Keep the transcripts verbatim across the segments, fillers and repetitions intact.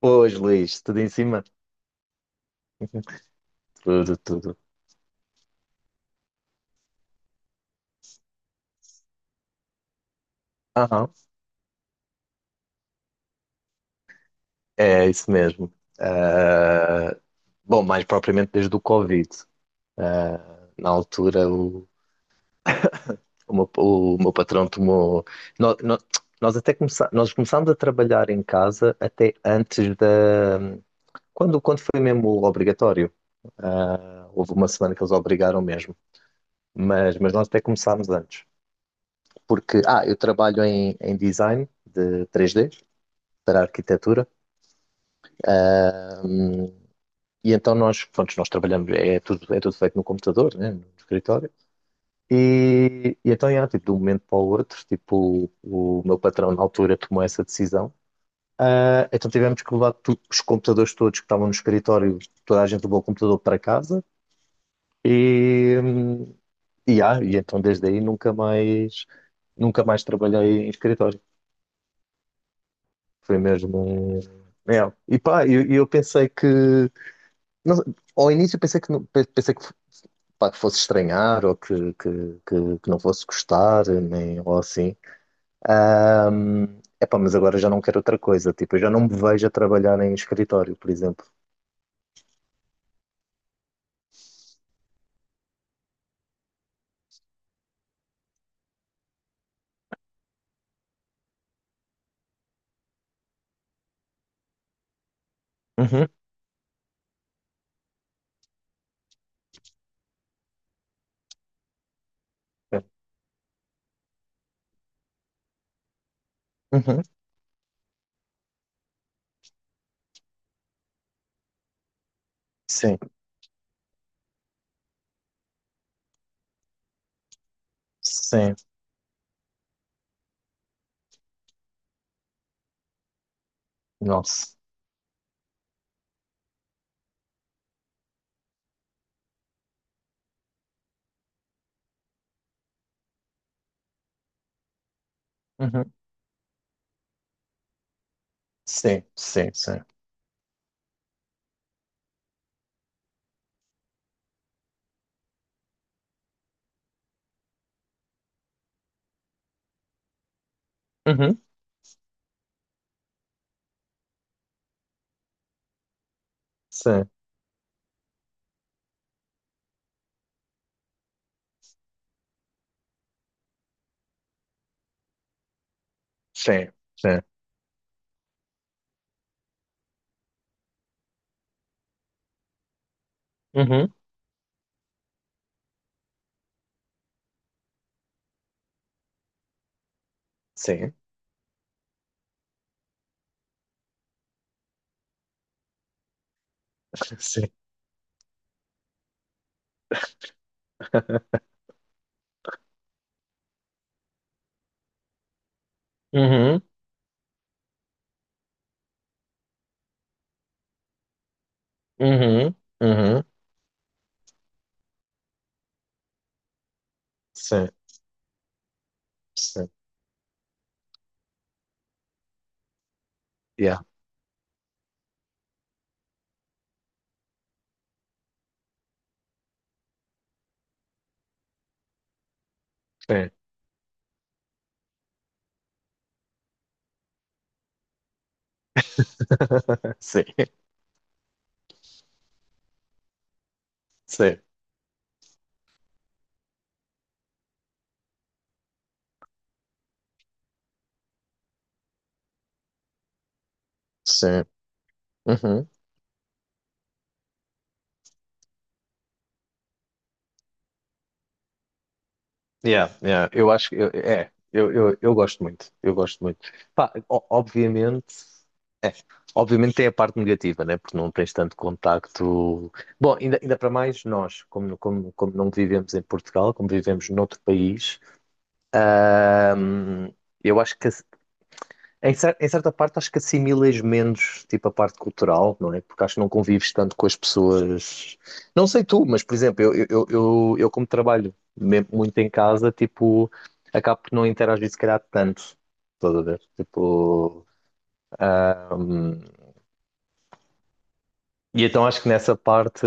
Pois, Luís, tudo em cima? Tudo, tudo. Aham, é isso mesmo. Ah, bom, mais propriamente desde o Covid. Ah, na altura, o, o, meu, o meu patrão tomou. nó- nó- Nós, até começa, nós começámos a trabalhar em casa até antes da. Quando, quando foi mesmo obrigatório? Ah, houve uma semana que eles obrigaram mesmo. Mas, mas nós até começámos antes. Porque, ah, eu trabalho em, em design de três d para arquitetura. E então nós, pronto, nós trabalhamos, é tudo, é tudo feito no computador, né, no escritório. E, e então, já, tipo, de um momento para o outro, tipo, o, o meu patrão na altura tomou essa decisão. Ah, então tivemos que levar tu- os computadores todos que estavam no escritório, toda a gente levou o computador para casa. E, hum, e, ah, e então desde aí nunca mais, nunca mais trabalhei em escritório. Foi mesmo um... É. E pá, eu, eu pensei que, não- ao início pensei que, não- pensei que pá, que fosse estranhar ou que, que, que, que não fosse gostar, nem, ou assim. Ahm, epá, mas agora já não quero outra coisa. Tipo, eu já não me vejo a trabalhar em escritório, por exemplo. Uhum. Uhum. Sim, sim, nossa. Uhum. Sim, sim, sim. Uhum. Sim, sim, sim. Uhum. Sim, sim. Uhum. Uhum. Uhum. Sim, sim. Yeah. Sim. Sim, sim, sim. Uhum. Yeah, yeah, eu acho que eu- é, eu, eu, eu gosto muito, eu gosto muito. Pá, o- obviamente, obviamente tem a parte negativa, né? Porque não tens tanto contacto. Bom, ainda, ainda para mais nós, como, como, como não vivemos em Portugal, como vivemos noutro país, hum, eu acho que a, em, cer- em certa parte, acho que assimilas menos, tipo, a parte cultural, não é? Porque acho que não convives tanto com as pessoas. Não sei tu, mas, por exemplo, eu, eu, eu, eu como trabalho me- muito em casa, tipo, acabo por não interagir, se calhar, tanto. Estás a ver? Tipo. ahm, e então acho que nessa parte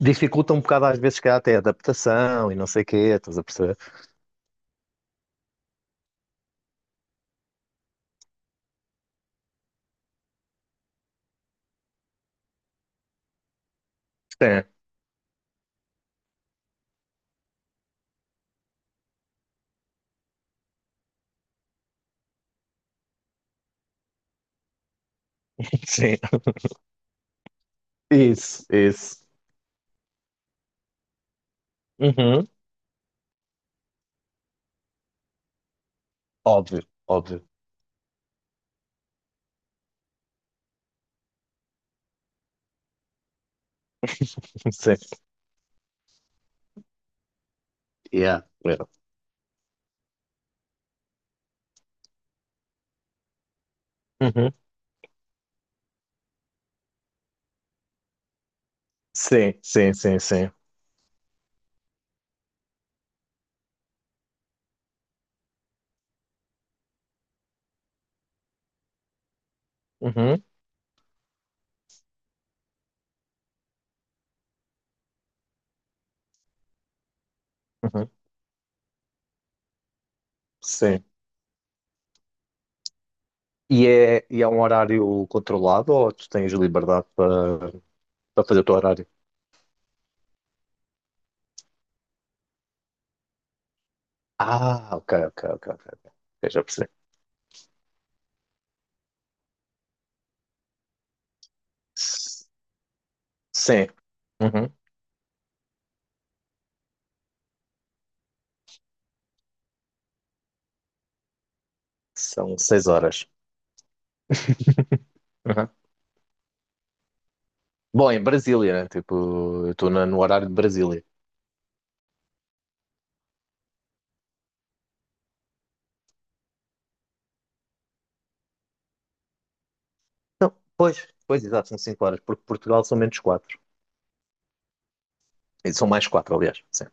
dificulta um bocado, às vezes, se calhar, até a adaptação e não sei o quê, estás a perceber? Sim, sim. Isso, isso. Uhum. Óbvio, óbvio. Sim. Yeah. Yeah. Uhum. Sim, sim, sim, sim. Uhum, uhum, sim. E é, e é um horário controlado ou tu tens liberdade para para fazer o teu horário? Ah, ok, ok, ok, ok. Ok. Eu já percebi. S- Sim. Uhum. São seis horas. Uhum. Bom, em Brasília, né? Tipo, eu estou na- no horário de Brasília. Não, pois, pois, exato, são cinco horas, porque Portugal são menos quatro. E são mais quatro, aliás. Sim.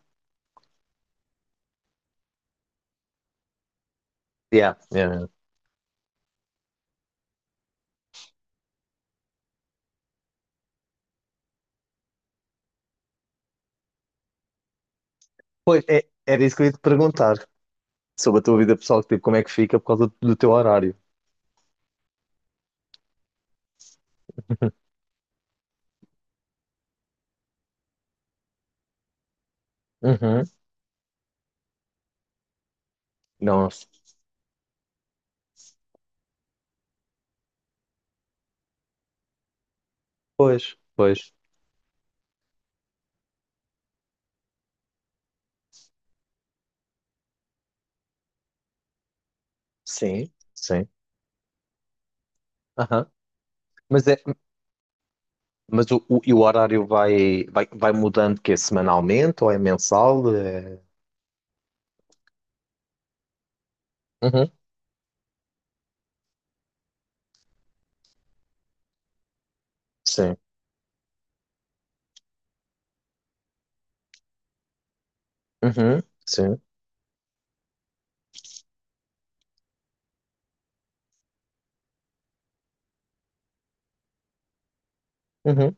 Yeah, yeah. Yeah. Pois, é, era isso que eu ia te perguntar sobre a tua vida pessoal, tipo, como é que fica por causa do teu horário? Uhum. Nossa. Pois, pois. Sim, sim. Aham. Mas, é, mas o, o, e o horário vai, vai, vai mudando que é semanalmente ou é mensal? É... Uhum. Sim. Uhum. Sim. Uhum.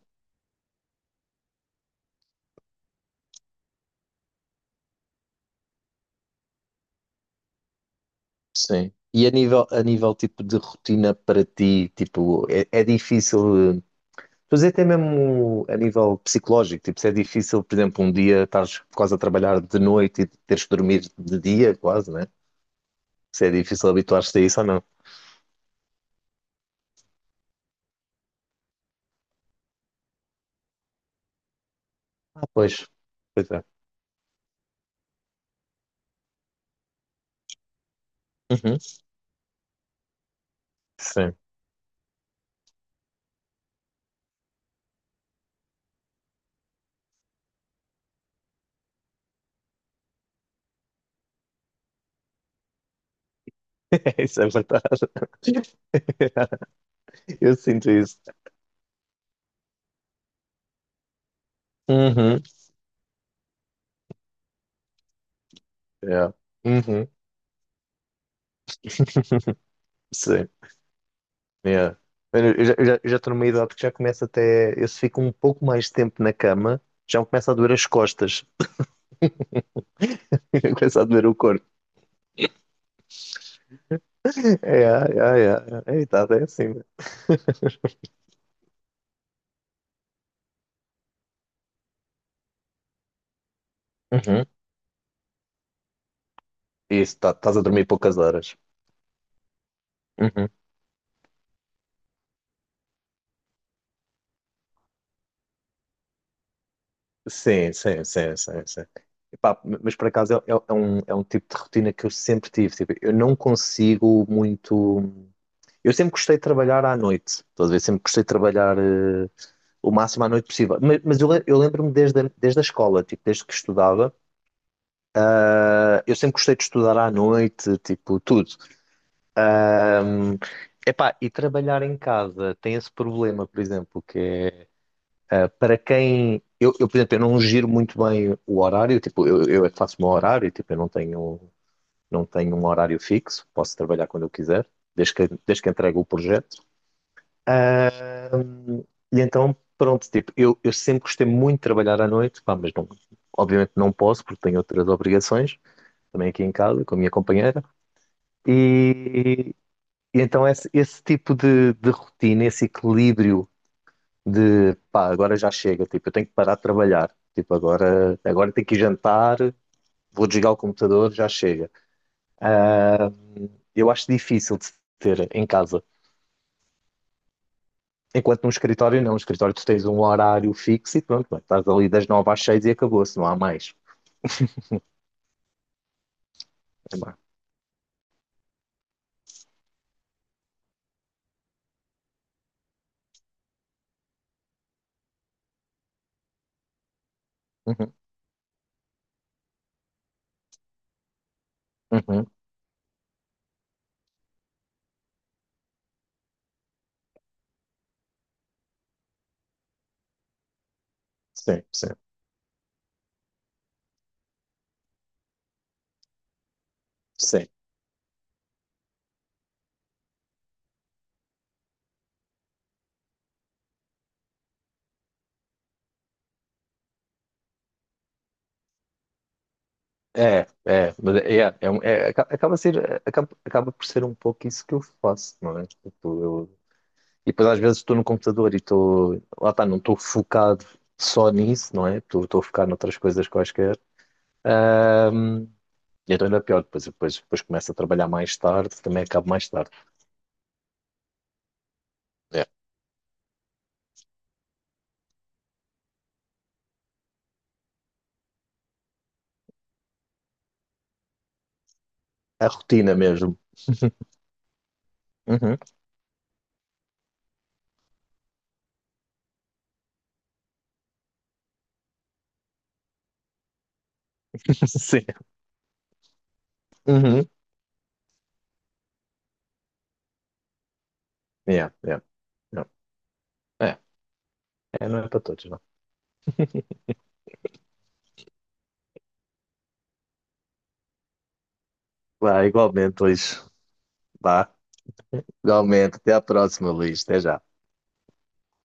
Sim. E a nível, a nível tipo de rotina para ti, tipo, é, é difícil eh, fazer até mesmo a nível psicológico, tipo, se é difícil, por exemplo, um dia estás quase a trabalhar de noite e teres que dormir de dia, quase, né? Se é difícil habituar-te a isso ou não? Ah, pois. Pois é. Uhum, sim. Isso é verdade. Eu sinto isso. Uhum. Yeah. Uhum. Sim. Yeah. Mano, Eu já, eu já, eu já estou numa idade que já começa até. Eu se fico um pouco mais tempo na cama, já me começa a doer as costas. Começa a doer o corpo. É, é, é. É, tá, é assim. Mano. Uhum. Isso, tá, estás a dormir poucas horas. Uhum. Sim, sim, sim, sim, sim. Epá, mas por acaso é, é- é um, é um tipo de rotina que eu sempre tive. Tipo, eu não consigo muito. Eu sempre gostei de trabalhar à noite, estás a ver? Sempre gostei de trabalhar eh, o máximo à noite possível. Mas, mas eu, le- eu lembro-me desde, a- desde a escola, tipo, desde que estudava, eh, eu sempre gostei de estudar à noite, tipo, tudo. Epá, e trabalhar em casa tem esse problema, por exemplo, que é eh, para quem. Eu, eu, por exemplo, eu não giro muito bem o horário, tipo, eu, eu é que faço o meu horário, tipo, eu não tenho, não tenho um horário fixo, posso trabalhar quando eu quiser, desde que, desde que entregue o projeto. E então, pronto, tipo, eu, eu sempre gostei muito de trabalhar à noite, pá, mas não, obviamente não posso porque tenho outras obrigações, também aqui em casa, com a minha companheira. E, e então esse, esse tipo de, de rotina, esse equilíbrio de, pá, agora já chega, tipo, eu tenho que parar de trabalhar, tipo, agora, agora tenho que ir jantar, vou desligar o computador, já chega. Eu acho difícil de se ter em casa. Enquanto num escritório, não. No escritório, tu tens um horário fixo e pronto, bem, estás ali das nove às seis e acabou-se, não há mais. É má. Uhum. Uhum, sim, sim, sim. É, é, mas é, é, é, um- é, aca- acaba, ser, é, acaba, acaba por ser um pouco isso que eu faço, não é? Tipo, eu, e depois às vezes estou no computador e estou, lá está, não estou focado só nisso, não é? Estou estou a focar noutras coisas quaisquer, e então ainda é pior, depois, depois, depois começo a trabalhar mais tarde, também acabo mais tarde. É, é a rotina mesmo. Uhum. Sim. Uhum. Yeah, yeah, yeah. É, é, não é para todos, não. Vá, igualmente hoje. Vá, igualmente. Até à próxima, Luís. Até já.